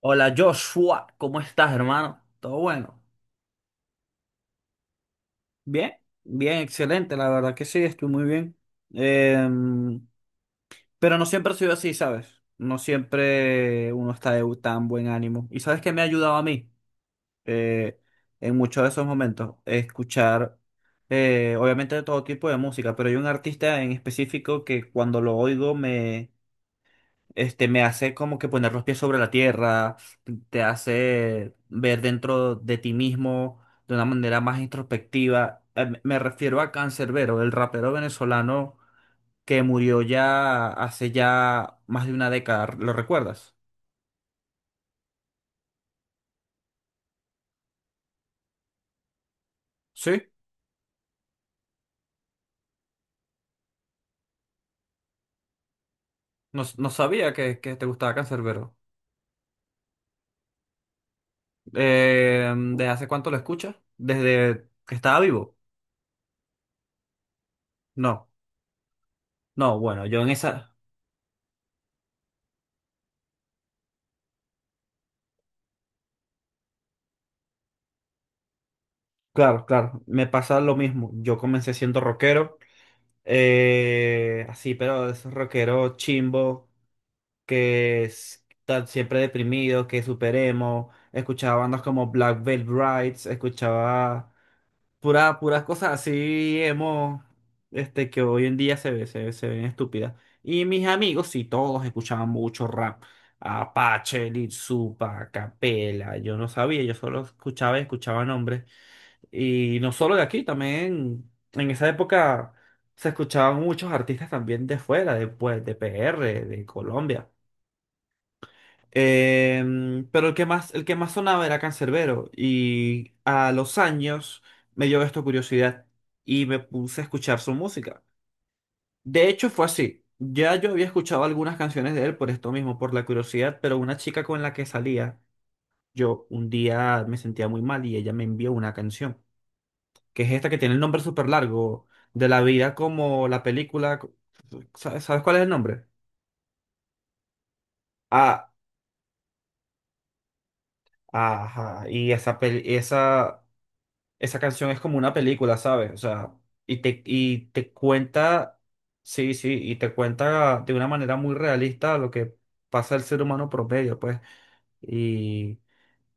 Hola Joshua, ¿cómo estás, hermano? ¿Todo bueno? Bien, bien, excelente, la verdad que sí, estoy muy bien. Em, pero no siempre ha sido así, ¿sabes? No siempre uno está de tan buen ánimo. ¿Y sabes qué me ha ayudado a mí Eh, en muchos de esos momentos? Escuchar, obviamente, de todo tipo de música, pero hay un artista en específico que cuando lo oigo me hace como que poner los pies sobre la tierra, te hace ver dentro de ti mismo de una manera más introspectiva. Me refiero a Canserbero, el rapero venezolano que murió ya hace ya más de una década. ¿Lo recuerdas? Sí, no, no sabía que te gustaba Canserbero. ¿Desde hace cuánto lo escuchas? ¿Desde que estaba vivo? No, no, bueno, yo en esa. Claro, claro, me pasa lo mismo. Yo comencé siendo rockero, así, pero esos rockeros chimbo, están siempre deprimidos, que superemos. Escuchaba bandas como Black Veil Brides, escuchaba puras cosas así emo, que hoy en día se ven estúpidas. Y mis amigos, sí, todos escuchaban mucho rap. Apache, Lil Supa, Capela, yo no sabía, yo solo escuchaba y escuchaba nombres. Y no solo de aquí, también en esa época se escuchaban muchos artistas también de fuera, pues, de PR, de Colombia. Pero el que más sonaba era Canserbero. Y a los años me dio esto curiosidad y me puse a escuchar su música. De hecho, fue así. Ya yo había escuchado algunas canciones de él por esto mismo, por la curiosidad, pero una chica con la que salía, yo un día me sentía muy mal y ella me envió una canción que es esta que tiene el nombre súper largo, de la vida como la película. ¿Sabes, sabes cuál es el nombre? Ah, ajá. Esa canción es como una película, ¿sabes? O sea, y te cuenta, sí, sí, y te cuenta de una manera muy realista lo que pasa el ser humano promedio, pues.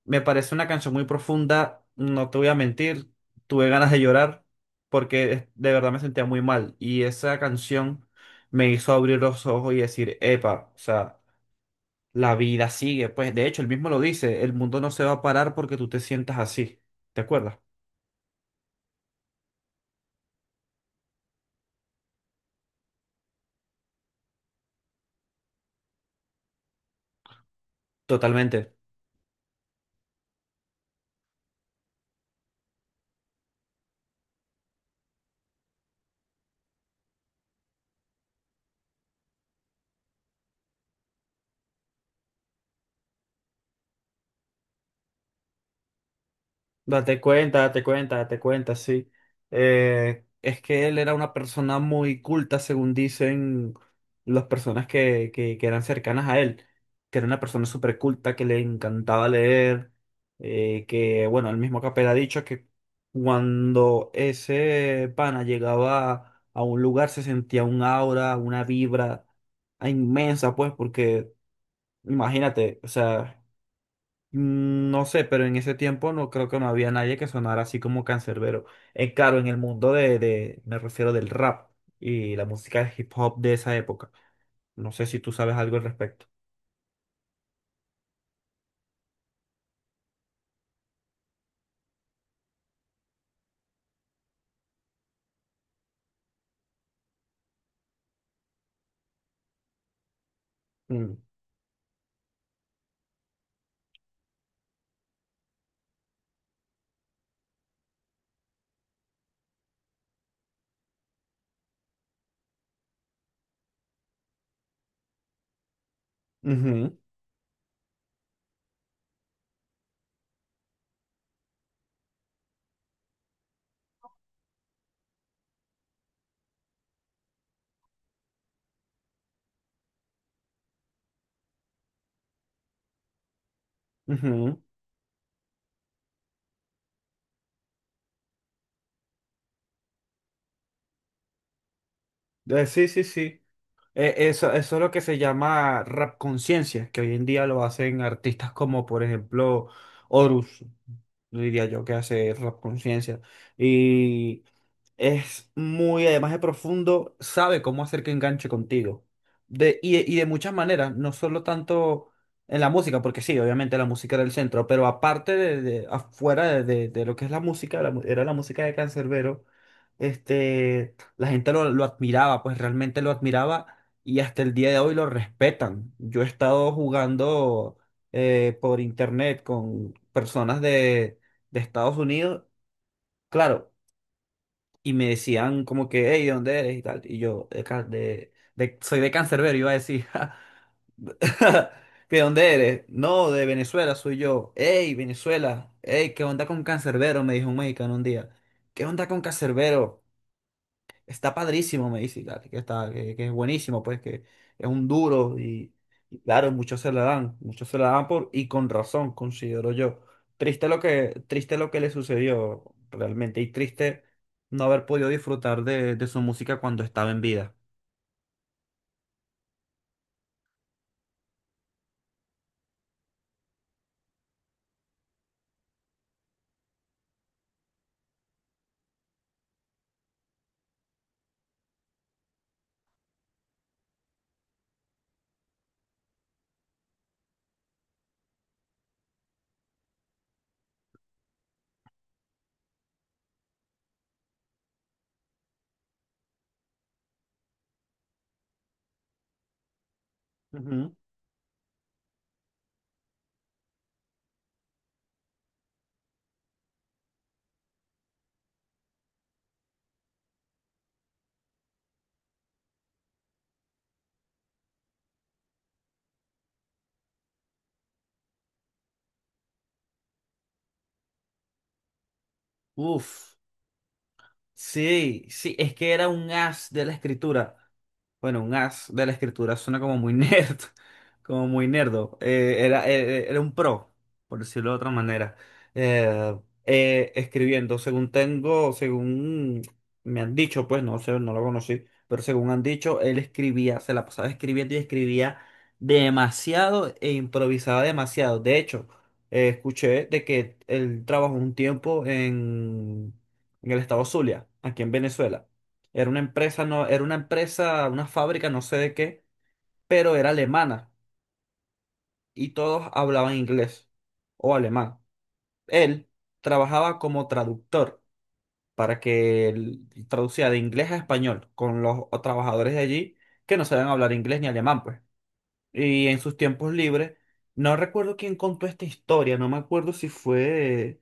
Me parece una canción muy profunda, no te voy a mentir, tuve ganas de llorar de verdad me sentía muy mal y esa canción me hizo abrir los ojos y decir, epa, o sea, la vida sigue, pues de hecho él mismo lo dice, el mundo no se va a parar porque tú te sientas así, ¿te acuerdas? Totalmente. Date cuenta, date cuenta, date cuenta, sí. Es que él era una persona muy culta, según dicen las personas que eran cercanas a él, que era una persona súper culta, que le encantaba leer, bueno, el mismo Capel ha dicho que cuando ese pana llegaba a un lugar se sentía un aura, una vibra inmensa, pues, porque imagínate, o sea... Mm, no sé, pero en ese tiempo no creo que no había nadie que sonara así como Cancerbero. Es claro, en el mundo me refiero del rap y la música de hip hop de esa época. No sé si tú sabes algo al respecto. Mm. Ujú, ujú. Sí, sí, sí. Eso, eso es lo que se llama rap conciencia, que hoy en día lo hacen artistas como, por ejemplo, Horus, diría yo, que hace rap conciencia. Y es muy, además de profundo, sabe cómo hacer que enganche contigo. Y de muchas maneras, no solo tanto en la música, porque sí, obviamente la música era el centro, pero afuera de lo que es la música, la mu- era la música de Canserbero, la gente lo admiraba, pues realmente lo admiraba y hasta el día de hoy lo respetan. Yo he estado jugando por internet con personas de Estados Unidos. Claro, y me decían como que, hey, ¿de dónde eres? Y tal. Y yo, de, Ca- de- soy de Cancerbero, iba a decir, "Ja". ¿Que ¿de dónde eres? No, de Venezuela soy yo. Hey, Venezuela, hey, ¿qué onda con Cancerbero? Me dijo un mexicano un día. ¿Qué onda con Cancerbero? Está padrísimo, me dice, claro, que está, que es buenísimo, pues, que es un duro y claro, muchos se la dan, muchos se la dan por, y con razón, considero yo. Triste triste lo que le sucedió realmente, y triste no haber podido disfrutar de su música cuando estaba en vida. Ujú. Uf. Sí, sí, es que era un as de la escritura. Bueno, un as de la escritura suena como muy nerd, como muy nerdo. Era un pro, por decirlo de otra manera. Eh, Escribiendo, según me han dicho, pues no sé, no lo conocí, pero según han dicho, él escribía, se la pasaba escribiendo y escribía demasiado e improvisaba demasiado. De hecho, escuché de que él trabajó un tiempo en el estado Zulia, aquí en Venezuela. Era una empresa, una fábrica, no sé de qué, pero era alemana y todos hablaban inglés o alemán. Él trabajaba como traductor, para que él traducía de inglés a español con los trabajadores de allí que no sabían hablar inglés ni alemán, pues. Y en sus tiempos libres, no recuerdo quién contó esta historia, no me acuerdo si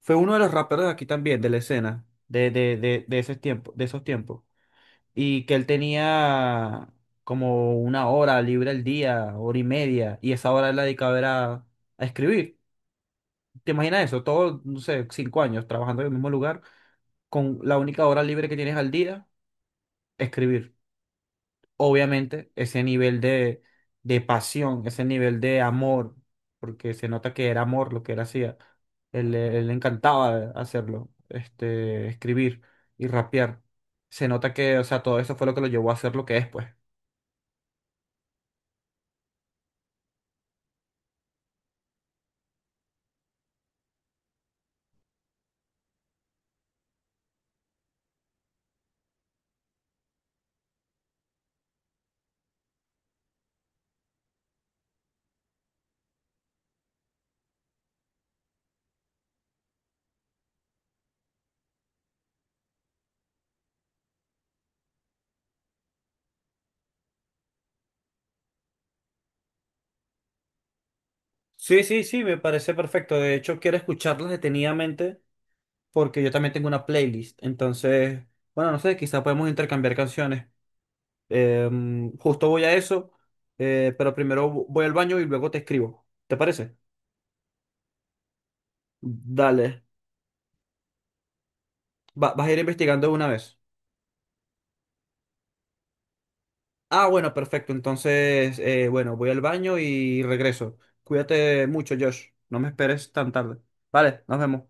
fue uno de los raperos de aquí también, de la escena, de ese tiempo, de esos tiempos, y que él tenía como una hora libre al día, hora y media, y esa hora él la dedicaba era a escribir. ¿Te imaginas eso? Todos, no sé, 5 años trabajando en el mismo lugar, con la única hora libre que tienes al día, escribir. Obviamente, ese nivel de pasión, ese nivel de amor, porque se nota que era amor lo que él hacía. Él le encantaba hacerlo, escribir y rapear. Se nota que, o sea, todo eso fue lo que lo llevó a hacer lo que es, pues. Sí, sí, sí, me parece perfecto. De hecho, quiero escucharlas detenidamente porque yo también tengo una playlist. Entonces, bueno, no sé, quizá podemos intercambiar canciones. Justo voy a eso, pero primero voy al baño y luego te escribo. ¿Te parece? Dale. Vas a ir investigando de una vez. Ah, bueno, perfecto. Entonces, bueno, voy al baño y regreso. Cuídate mucho, Josh. No me esperes tan tarde. Vale, nos vemos.